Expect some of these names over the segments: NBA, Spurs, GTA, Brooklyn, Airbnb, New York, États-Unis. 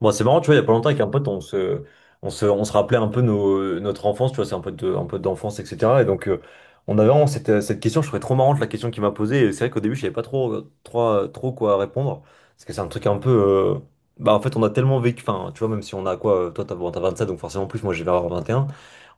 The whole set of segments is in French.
Bon, c'est marrant, tu vois, il y a pas longtemps avec un pote, on se rappelait un peu notre enfance, tu vois, c'est un peu d'enfance, etc. Et donc, on avait vraiment cette question, je trouvais trop marrante la question qu'il m'a posée. Et c'est vrai qu'au début, je savais pas trop quoi répondre. Parce que c'est un truc un peu. Bah, en fait, on a tellement vécu, enfin, tu vois, même si on a quoi, toi, t'as bon, t'as 27, donc forcément plus, moi, j'ai vers 21.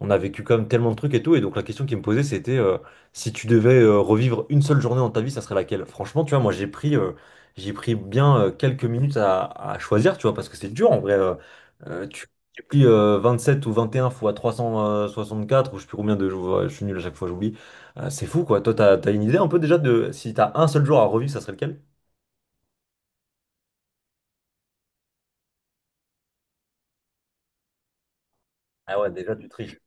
On a vécu quand même tellement de trucs et tout. Et donc, la question qu'il me posait, c'était si tu devais revivre une seule journée dans ta vie, ça serait laquelle? Franchement, tu vois, moi, j'ai pris bien quelques minutes à choisir, tu vois, parce que c'est dur en vrai. Tu multiplies 27 ou 21 fois 364, ou je sais plus combien de jours, je suis nul à chaque fois, j'oublie. C'est fou, quoi. Toi, t'as une idée un peu déjà de si t'as un seul jour à revivre, ça serait lequel? Ah ouais, déjà tu triches.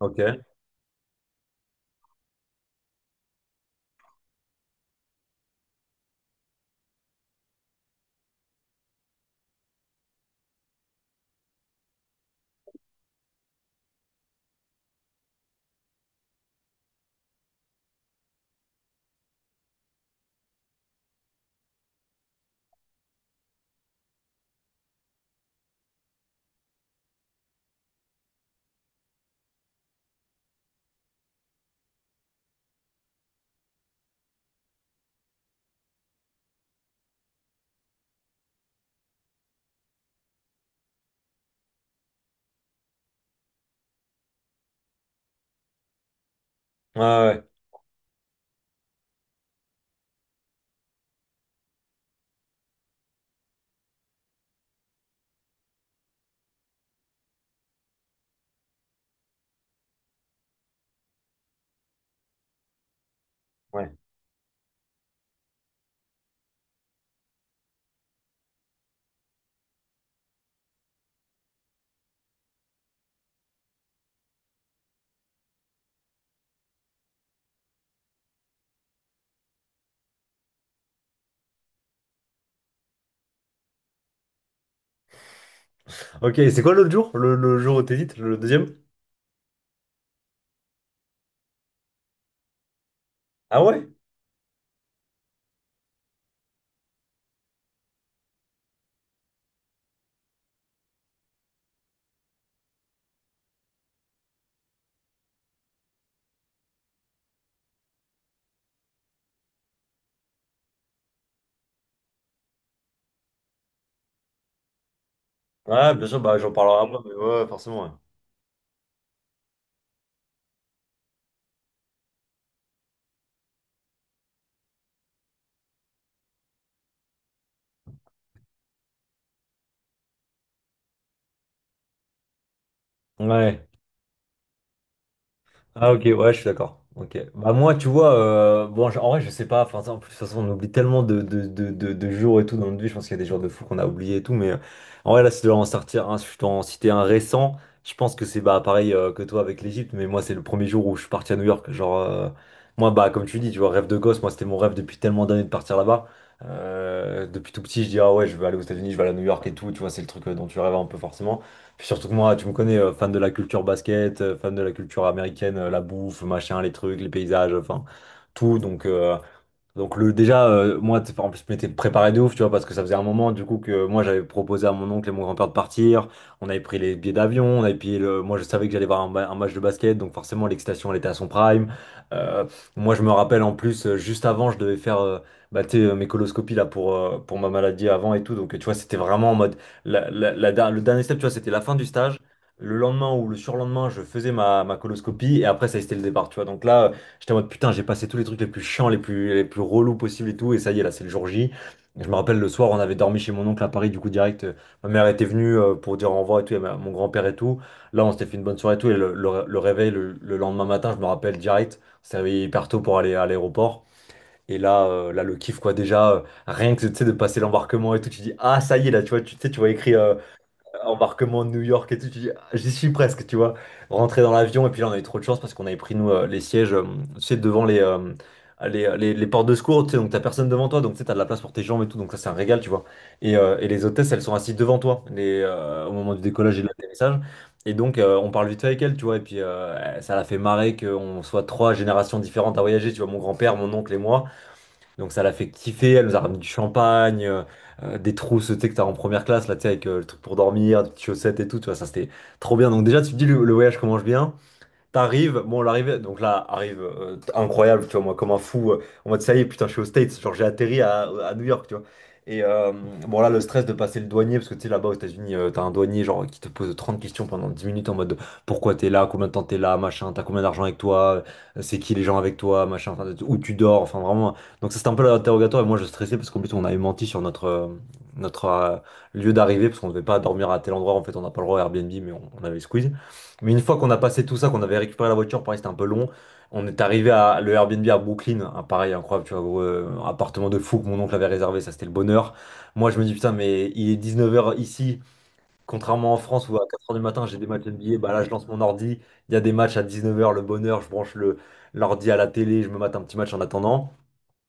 Ok. Ouais, ouais. Ouais. Ok, et c'est quoi l'autre jour? Le jour où t'hésites, le deuxième? Ah ouais? Ouais, bien sûr, bah j'en parlerai après, mais ouais, forcément. Ouais. Ouais. Ah ok, ouais, je suis d'accord. Ok. Bah moi, tu vois, bon, en vrai, je sais pas. Enfin, ça, en plus, de toute façon, on oublie tellement de jours et tout dans notre vie. Je pense qu'il y a des jours de fou qu'on a oublié et tout. Mais en vrai, là, si je dois en sortir un, si je dois en citer un récent, je pense que c'est bah pareil que toi avec l'Égypte. Mais moi, c'est le premier jour où je suis parti à New York. Genre, moi, bah comme tu dis, tu vois, rêve de gosse. Moi, c'était mon rêve depuis tellement d'années de partir là-bas. Depuis tout petit, je dis ah ouais, je veux aller aux États-Unis, je veux aller à New York et tout. Tu vois, c'est le truc dont tu rêves un peu forcément. Puis surtout que moi, tu me connais, fan de la culture basket, fan de la culture américaine, la bouffe, machin, les trucs, les paysages, enfin tout. Donc le déjà moi en plus je m'étais préparé de ouf tu vois parce que ça faisait un moment du coup que moi j'avais proposé à mon oncle et mon grand-père de partir, on avait pris les billets d'avion, on avait payé le moi je savais que j'allais voir un match de basket donc forcément l'excitation elle était à son prime. Euh, Moi je me rappelle en plus juste avant je devais faire bah, tu sais, mes coloscopies là pour ma maladie avant et tout donc tu vois c'était vraiment en mode le dernier step tu vois c'était la fin du stage. Le lendemain ou le surlendemain, je faisais ma coloscopie et après ça c'était le départ, tu vois. Donc là, j'étais en mode putain, j'ai passé tous les trucs les plus chiants, les plus relous possibles et tout, et ça y est, là, c'est le jour J. Et je me rappelle le soir, on avait dormi chez mon oncle à Paris, du coup, direct, ma mère était venue pour dire au revoir et tout, et mon grand-père et tout. Là, on s'était fait une bonne soirée et tout, et le réveil, le lendemain matin, je me rappelle direct, on s'est réveillé hyper tôt pour aller à l'aéroport. Et là, le kiff, quoi, déjà, rien que, tu sais, de passer l'embarquement et tout, tu dis, ah, ça y est, là, tu vois, tu sais, tu vois écrit embarquement de New York et tout, tu dis, ah, j'y suis presque, tu vois. Rentrer dans l'avion, et puis là, on a eu trop de chance parce qu'on avait pris, nous, les sièges, tu sais, devant les portes de secours, tu sais, donc t'as personne devant toi, donc tu sais, t'as de la place pour tes jambes et tout, donc ça, c'est un régal, tu vois. Et les hôtesses, elles sont assises devant toi au moment du décollage et de l'atterrissage. Et donc, on parle vite fait avec elle, tu vois, et puis ça l'a fait marrer qu'on soit trois générations différentes à voyager, tu vois, mon grand-père, mon oncle et moi. Donc ça l'a fait kiffer, elle nous a ramené du champagne, des trousses, tu sais, que t'as en première classe, là, tu sais, avec le truc pour dormir, des petites chaussettes et tout, tu vois, ça c'était trop bien. Donc déjà, tu te dis, le voyage commence bien. T'arrives, bon, l'arrivée, donc là, arrive incroyable, tu vois, moi, comme un fou, en mode ça y est, putain, je suis aux States, genre j'ai atterri à New York, tu vois. Et euh, bon, là, le stress de passer le douanier, parce que tu sais, là-bas aux États-Unis, t'as un douanier, genre, qui te pose 30 questions pendant 10 minutes en mode pourquoi t'es là, combien de temps t'es là, machin, t'as combien d'argent avec toi, c'est qui les gens avec toi, machin, enfin, où tu dors, enfin, vraiment. Donc, ça, c'était un peu l'interrogatoire, et moi, je stressais parce qu'en plus, on avait menti sur notre. Notre lieu d'arrivée parce qu'on ne devait pas dormir à tel endroit en fait on n'a pas le droit à Airbnb mais on avait squeeze mais une fois qu'on a passé tout ça, qu'on avait récupéré la voiture, pareil, c'était un peu long. On est arrivé à le Airbnb à Brooklyn, hein, pareil, incroyable, tu vois, gros, un appartement de fou que mon oncle avait réservé, ça c'était le bonheur. Moi je me dis putain, mais il est 19 h ici, contrairement en France où à 4 h du matin j'ai des matchs NBA, bah là je lance mon ordi, il y a des matchs à 19 h, le bonheur, je branche le l'ordi à la télé, je me mate un petit match en attendant.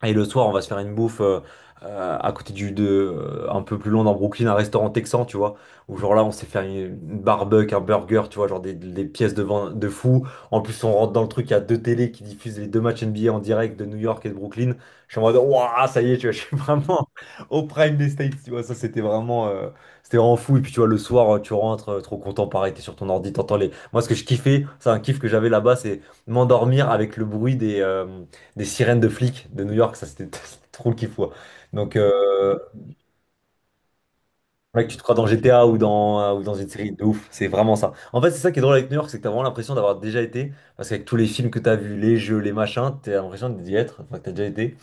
Et le soir, on va se faire une bouffe à côté du de un peu plus loin dans Brooklyn, un restaurant texan, tu vois. Où genre là, on s'est fait une barbecue, un burger, tu vois, genre des pièces de vin de fou. En plus, on rentre dans le truc, il y a deux télés qui diffusent les deux matchs NBA en direct de New York et de Brooklyn. Je suis en mode, waouh, ça y est, tu vois, je suis vraiment au prime des States, tu vois. Ça, c'était vraiment fou. Et puis, tu vois, le soir, tu rentres, trop content, pareil, t'es sur ton ordi, t'entends les. Moi, ce que je kiffais, c'est un kiff que j'avais là-bas, c'est m'endormir avec le bruit des sirènes de flics de New York, ça c'était c'était trop le kiff. Ouais. Donc, mec, tu te crois dans GTA ou dans une série de ouf, c'est vraiment ça. En fait, c'est ça qui est drôle avec New York, c'est que t'as vraiment l'impression d'avoir déjà été, parce qu'avec tous les films que t'as vus, les jeux, les machins, t'as l'impression d'y être, enfin, que t'as déjà été.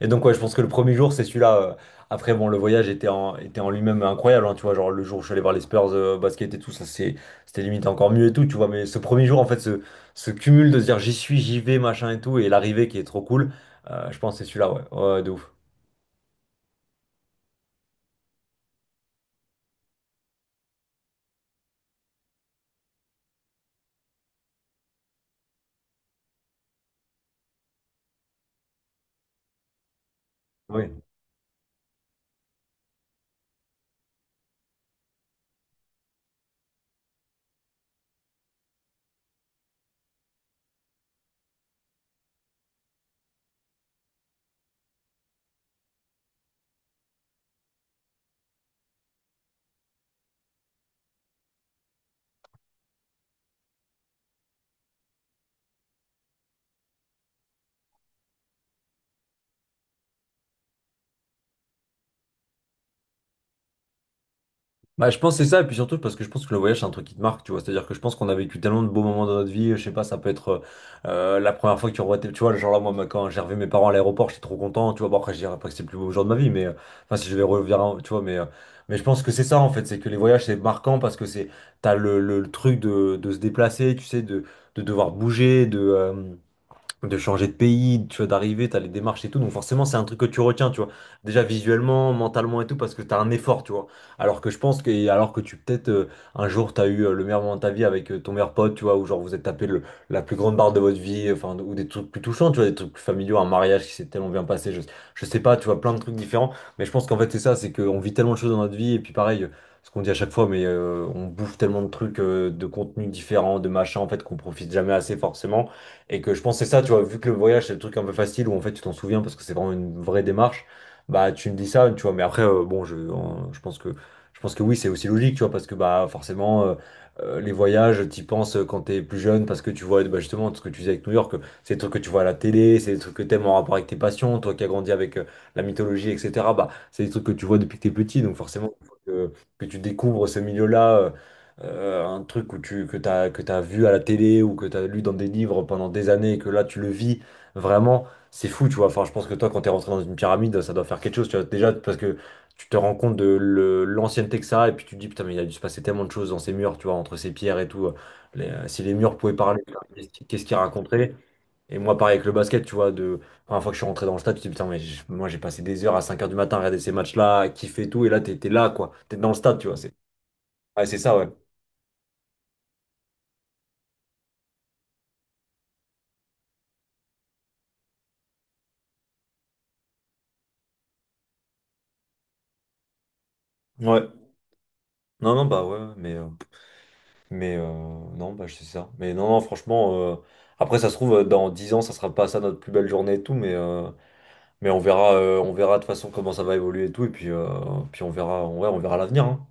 Et donc, ouais, je pense que le premier jour, c'est celui-là. Après, bon, le voyage était en lui-même incroyable, hein, tu vois. Genre, le jour où je suis allé voir les Spurs basket et tout, ça, c'était limite encore mieux et tout, tu vois. Mais ce premier jour, en fait, ce cumul de se dire j'y suis, j'y vais, machin et tout, et l'arrivée qui est trop cool, je pense que c'est celui-là, ouais. Ouais, de ouf. Oui. Bah, je pense que c'est ça, et puis surtout parce que je pense que le voyage c'est un truc qui te marque, tu vois. C'est-à-dire que je pense qu'on a vécu tellement de beaux moments dans notre vie. Je sais pas, ça peut être la première fois que tu revois tes, tu vois, genre là, moi, quand j'ai revu mes parents à l'aéroport, j'étais trop content, tu vois. Bon, après, je dirais pas que c'est le plus beau jour de ma vie, mais enfin, si je vais revenir, tu vois, mais je pense que c'est ça en fait, c'est que les voyages c'est marquant parce que c'est t'as le truc de se déplacer, tu sais, de devoir bouger, de changer de pays, tu vois, d'arriver, t'as les démarches et tout. Donc forcément, c'est un truc que tu retiens, tu vois. Déjà visuellement, mentalement et tout, parce que t'as un effort, tu vois. Alors que je pense que, et alors que tu peut-être un jour t'as eu le meilleur moment de ta vie avec ton meilleur pote, tu vois, ou genre vous êtes tapé la plus grande barre de votre vie, enfin, ou des trucs plus touchants, tu vois, des trucs plus familiaux, un mariage qui s'est tellement bien passé, je sais pas, tu vois, plein de trucs différents. Mais je pense qu'en fait, c'est ça, c'est qu'on vit tellement de choses dans notre vie, et puis pareil. Ce qu'on dit à chaque fois, mais on bouffe tellement de trucs, de contenus différents, de machins, en fait, qu'on profite jamais assez forcément. Et que je pense que c'est ça, tu vois, vu que le voyage, c'est le truc un peu facile où en fait tu t'en souviens parce que c'est vraiment une vraie démarche, bah tu me dis ça, tu vois. Mais après, bon, je pense que, oui, c'est aussi logique, tu vois, parce que bah forcément, les voyages, t'y penses quand t'es plus jeune parce que tu vois bah, justement ce que tu disais avec New York, c'est des trucs que tu vois à la télé, c'est des trucs que t'aimes en rapport avec tes passions, toi qui as grandi avec la mythologie, etc. Bah, c'est des trucs que tu vois depuis que t'es petit, donc forcément, il faut que tu découvres ce milieu-là. Un truc où que t'as vu à la télé ou que t'as lu dans des livres pendant des années et que là tu le vis, vraiment, c'est fou, tu vois. Enfin, je pense que toi, quand t'es rentré dans une pyramide, ça doit faire quelque chose, tu vois. Déjà, parce que tu te rends compte de l'ancienneté que ça a et puis tu te dis, putain, mais il a dû se passer tellement de choses dans ces murs, tu vois, entre ces pierres et tout. Si les murs pouvaient parler, qu'est-ce qu'ils raconteraient? Et moi, pareil avec le basket, tu vois, de la première fois que je suis rentré dans le stade, tu te dis, putain, mais moi, j'ai passé des heures à 5 heures du matin à regarder ces matchs-là, à kiffer et tout, et là, t'es là, quoi. T'es dans le stade, tu vois. C'est Ouais, c'est ça, ouais. Ouais. Non, non, bah ouais, ouais, mais, mais euh, non, bah c'est ça. Mais non, non, franchement, après, ça se trouve, dans 10 ans, ça sera pas ça notre plus belle journée et tout, mais, mais on verra de toute façon comment ça va évoluer et tout, et puis on verra, ouais, on verra l'avenir, hein.